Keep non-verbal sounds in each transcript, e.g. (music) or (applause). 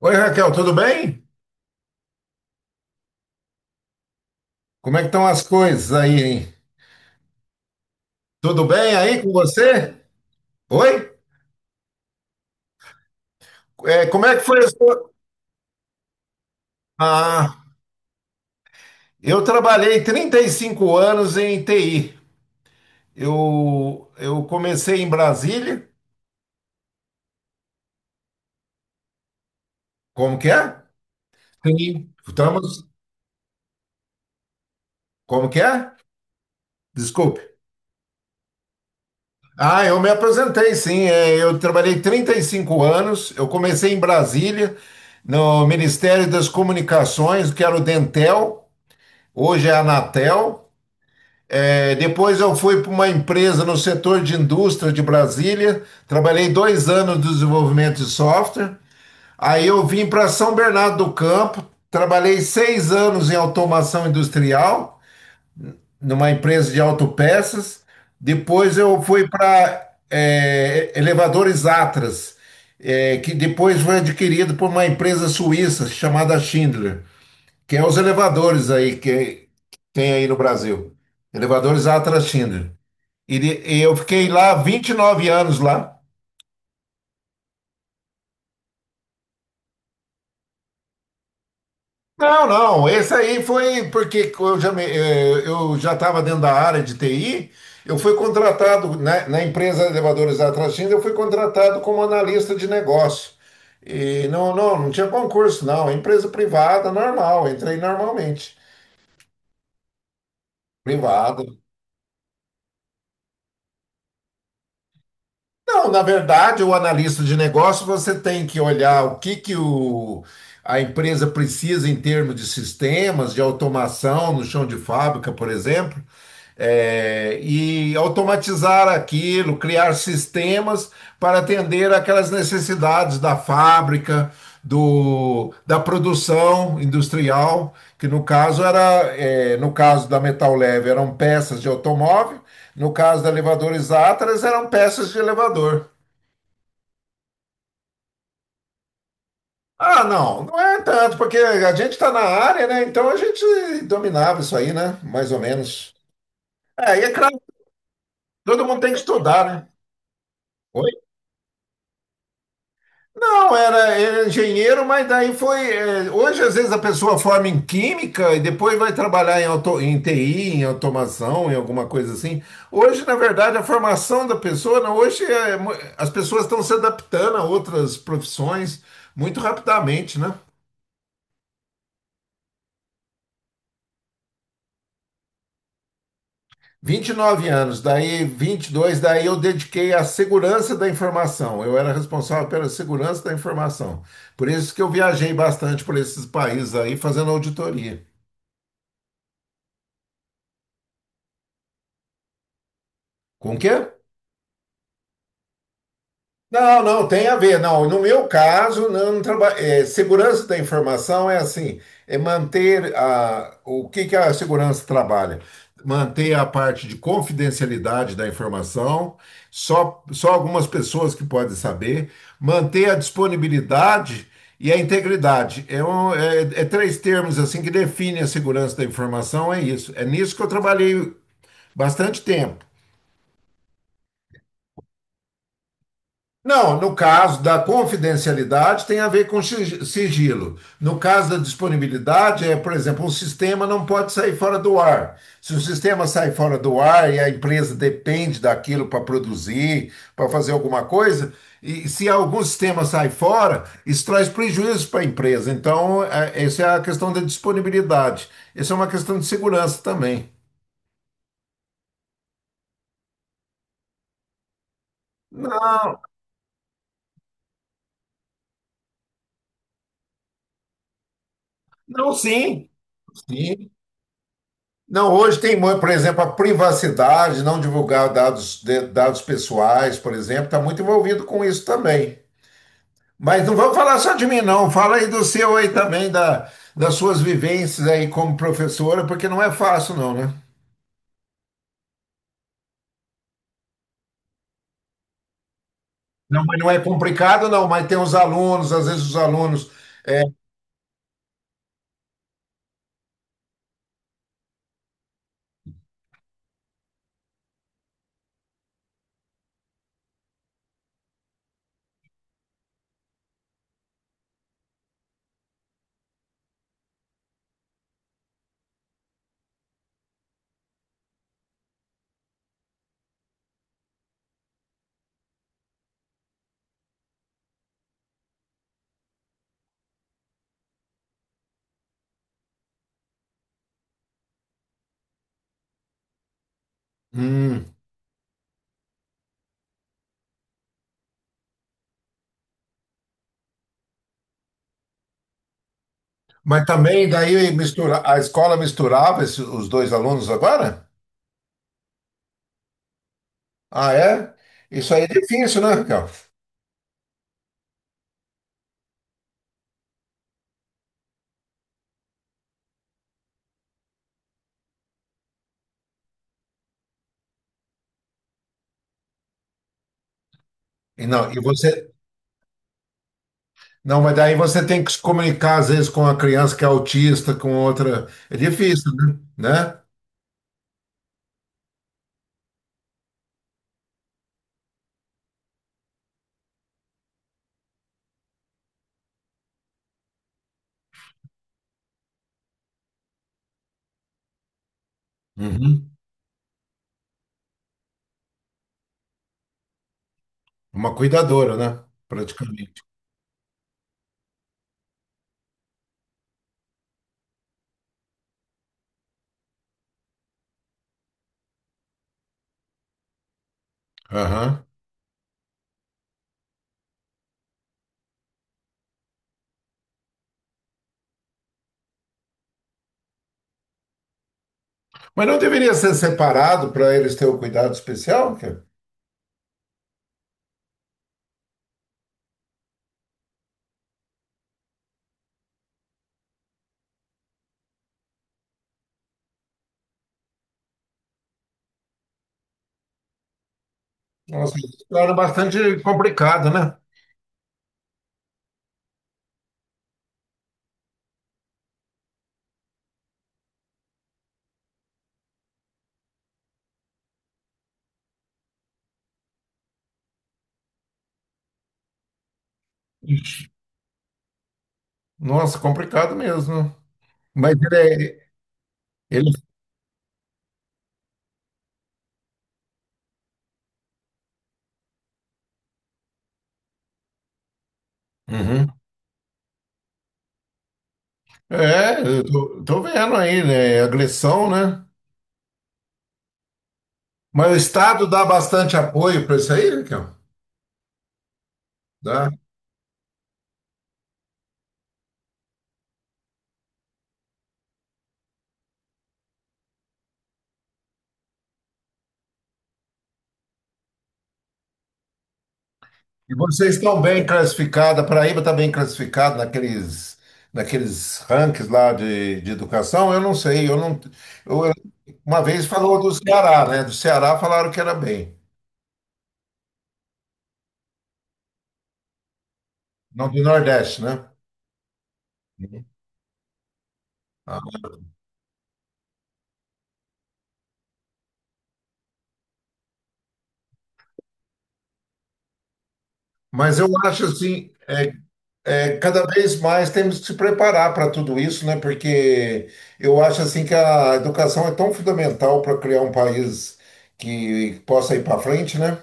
Oi, Raquel, tudo bem? Como é que estão as coisas aí, hein? Tudo bem aí com você? Oi? É, como é que foi a sua... Ah, eu trabalhei 35 anos em TI. Eu comecei em Brasília. Como que é? Sim. Estamos... Como que é? Desculpe. Ah, eu me apresentei. Sim. É, eu trabalhei 35 anos. Eu comecei em Brasília, no Ministério das Comunicações, que era o Dentel. Hoje é a Anatel. É, depois eu fui para uma empresa no setor de indústria de Brasília, trabalhei 2 anos de desenvolvimento de software. Aí eu vim para São Bernardo do Campo, trabalhei 6 anos em automação industrial, numa empresa de autopeças. Depois eu fui para Elevadores Atlas, é, que depois foi adquirido por uma empresa suíça chamada Schindler, que é os elevadores aí que tem aí no Brasil. Elevadores Atlas Schindler. Eu fiquei lá 29 anos lá. Não, esse aí foi porque eu já eu já estava dentro da área de TI, eu fui contratado, né, na empresa Elevadores da Tracinda, eu fui contratado como analista de negócio. E não, não tinha concurso, não, empresa privada, normal, entrei normalmente, privada. Não, na verdade, o analista de negócio, você tem que olhar o que a empresa precisa em termos de sistemas, de automação no chão de fábrica, por exemplo, e automatizar aquilo, criar sistemas para atender aquelas necessidades da fábrica, da produção industrial, que no caso era, é, no caso da Metal Leve, eram peças de automóvel, no caso da Elevadores Atlas, eram peças de elevador. Ah, não, não é tanto, porque a gente está na área, né? Então a gente dominava isso aí, né? Mais ou menos. É, e é claro, todo mundo tem que estudar, né? Oi? Não, era engenheiro, mas daí foi. É, hoje, às vezes, a pessoa forma em química e depois vai trabalhar em TI, em automação, em alguma coisa assim. Hoje, na verdade, a formação da pessoa, não, hoje as pessoas estão se adaptando a outras profissões muito rapidamente, né? 29 anos, daí 22 daí eu dediquei à segurança da informação. Eu era responsável pela segurança da informação. Por isso que eu viajei bastante por esses países aí fazendo auditoria. Com o quê? Não, não, tem a ver. Não, no meu caso, não, não traba- é, segurança da informação é assim, é manter a, o que que a segurança trabalha? Manter a parte de confidencialidade da informação, só algumas pessoas que podem saber, manter a disponibilidade e a integridade. É, três termos assim que definem a segurança da informação, é isso. É nisso que eu trabalhei bastante tempo. Não, no caso da confidencialidade tem a ver com sigilo. No caso da disponibilidade, é, por exemplo, o sistema não pode sair fora do ar. Se o sistema sai fora do ar e a empresa depende daquilo para produzir, para fazer alguma coisa, e se algum sistema sai fora, isso traz prejuízo para a empresa. Então, é, essa é a questão da disponibilidade. Essa é uma questão de segurança também. Não, não, sim. Sim. Não, hoje tem, por exemplo, a privacidade, não divulgar dados, dados pessoais, por exemplo, está muito envolvido com isso também. Mas não vamos falar só de mim, não. Fala aí do seu aí também, das suas vivências aí como professora, porque não é fácil, não, né? Não, mas não é complicado, não, mas tem os alunos, às vezes os alunos. Hum, mas também daí mistura, a escola misturava os dois alunos agora? Ah, é? Isso aí é difícil, né, Raquel? E você. Não, mas daí você tem que se comunicar, às vezes, com a criança que é autista, com outra. É difícil, né? Né? Uhum. Uma cuidadora, né? Praticamente. Aham. Mas não deveria ser separado para eles terem o cuidado especial, cara? Nossa, isso era bastante complicado, né? Ixi. Nossa, complicado mesmo. Mas ele, é, ele... Uhum. É, tô vendo aí, né? É agressão, né? Mas o Estado dá bastante apoio para isso aí, Raquel? Dá. E vocês estão bem classificados? A Paraíba está bem classificada naqueles, naqueles rankings lá de educação? Eu não sei, eu não. eu- uma vez falou do Ceará, né? Do Ceará falaram que era bem, não do Nordeste, né? Ah, mas eu acho assim, cada vez mais temos que se preparar para tudo isso, né? Porque eu acho assim que a educação é tão fundamental para criar um país que possa ir para frente, né?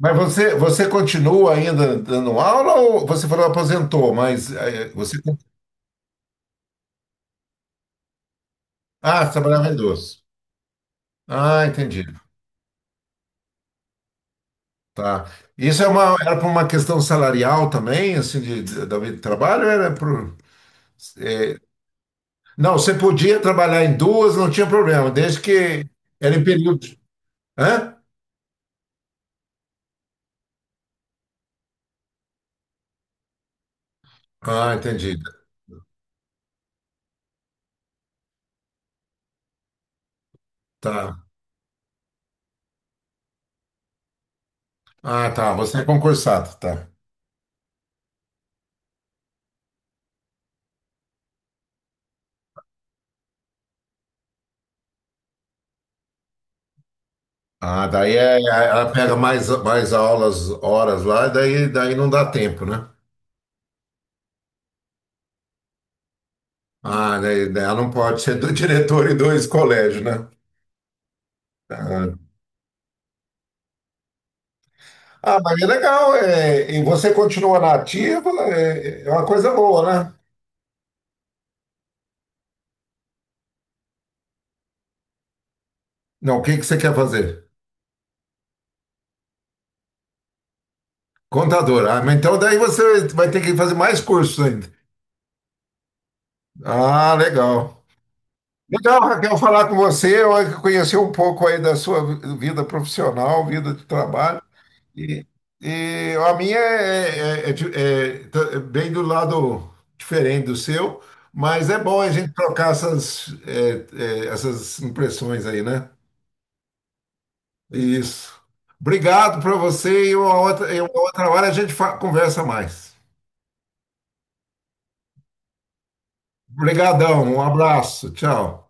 Mas você continua ainda dando aula ou você falou aposentou, mas você... Ah, você trabalhava em doce. Ah, entendi. Tá. Isso é uma, era por uma questão salarial também, assim, da vida de trabalho? Era por... eh, não, você podia trabalhar em duas, não tinha problema, desde que era em período... Hã? Ah, entendi. Tá. Ah, tá. Você é concursado, tá. Ah, ela pega mais, mais aulas, horas lá, daí não dá tempo, né? Ah, né, né, ela não pode ser do (laughs) diretor e dois colégios, né? Ah, ah, mas é legal. É, e você continua na ativa, é, é uma coisa boa, né? Não, o que que você quer fazer? Contador. Ah, mas então daí você vai ter que fazer mais cursos ainda. Ah, legal. Legal, Raquel, falar com você. Eu conheci um pouco aí da sua vida profissional, vida de trabalho. E, e a minha é, é tá é bem do lado diferente do seu, mas é bom a gente trocar essas, essas impressões aí, né? Isso. Obrigado para você e uma outra hora a gente conversa mais. Obrigadão, um abraço, tchau.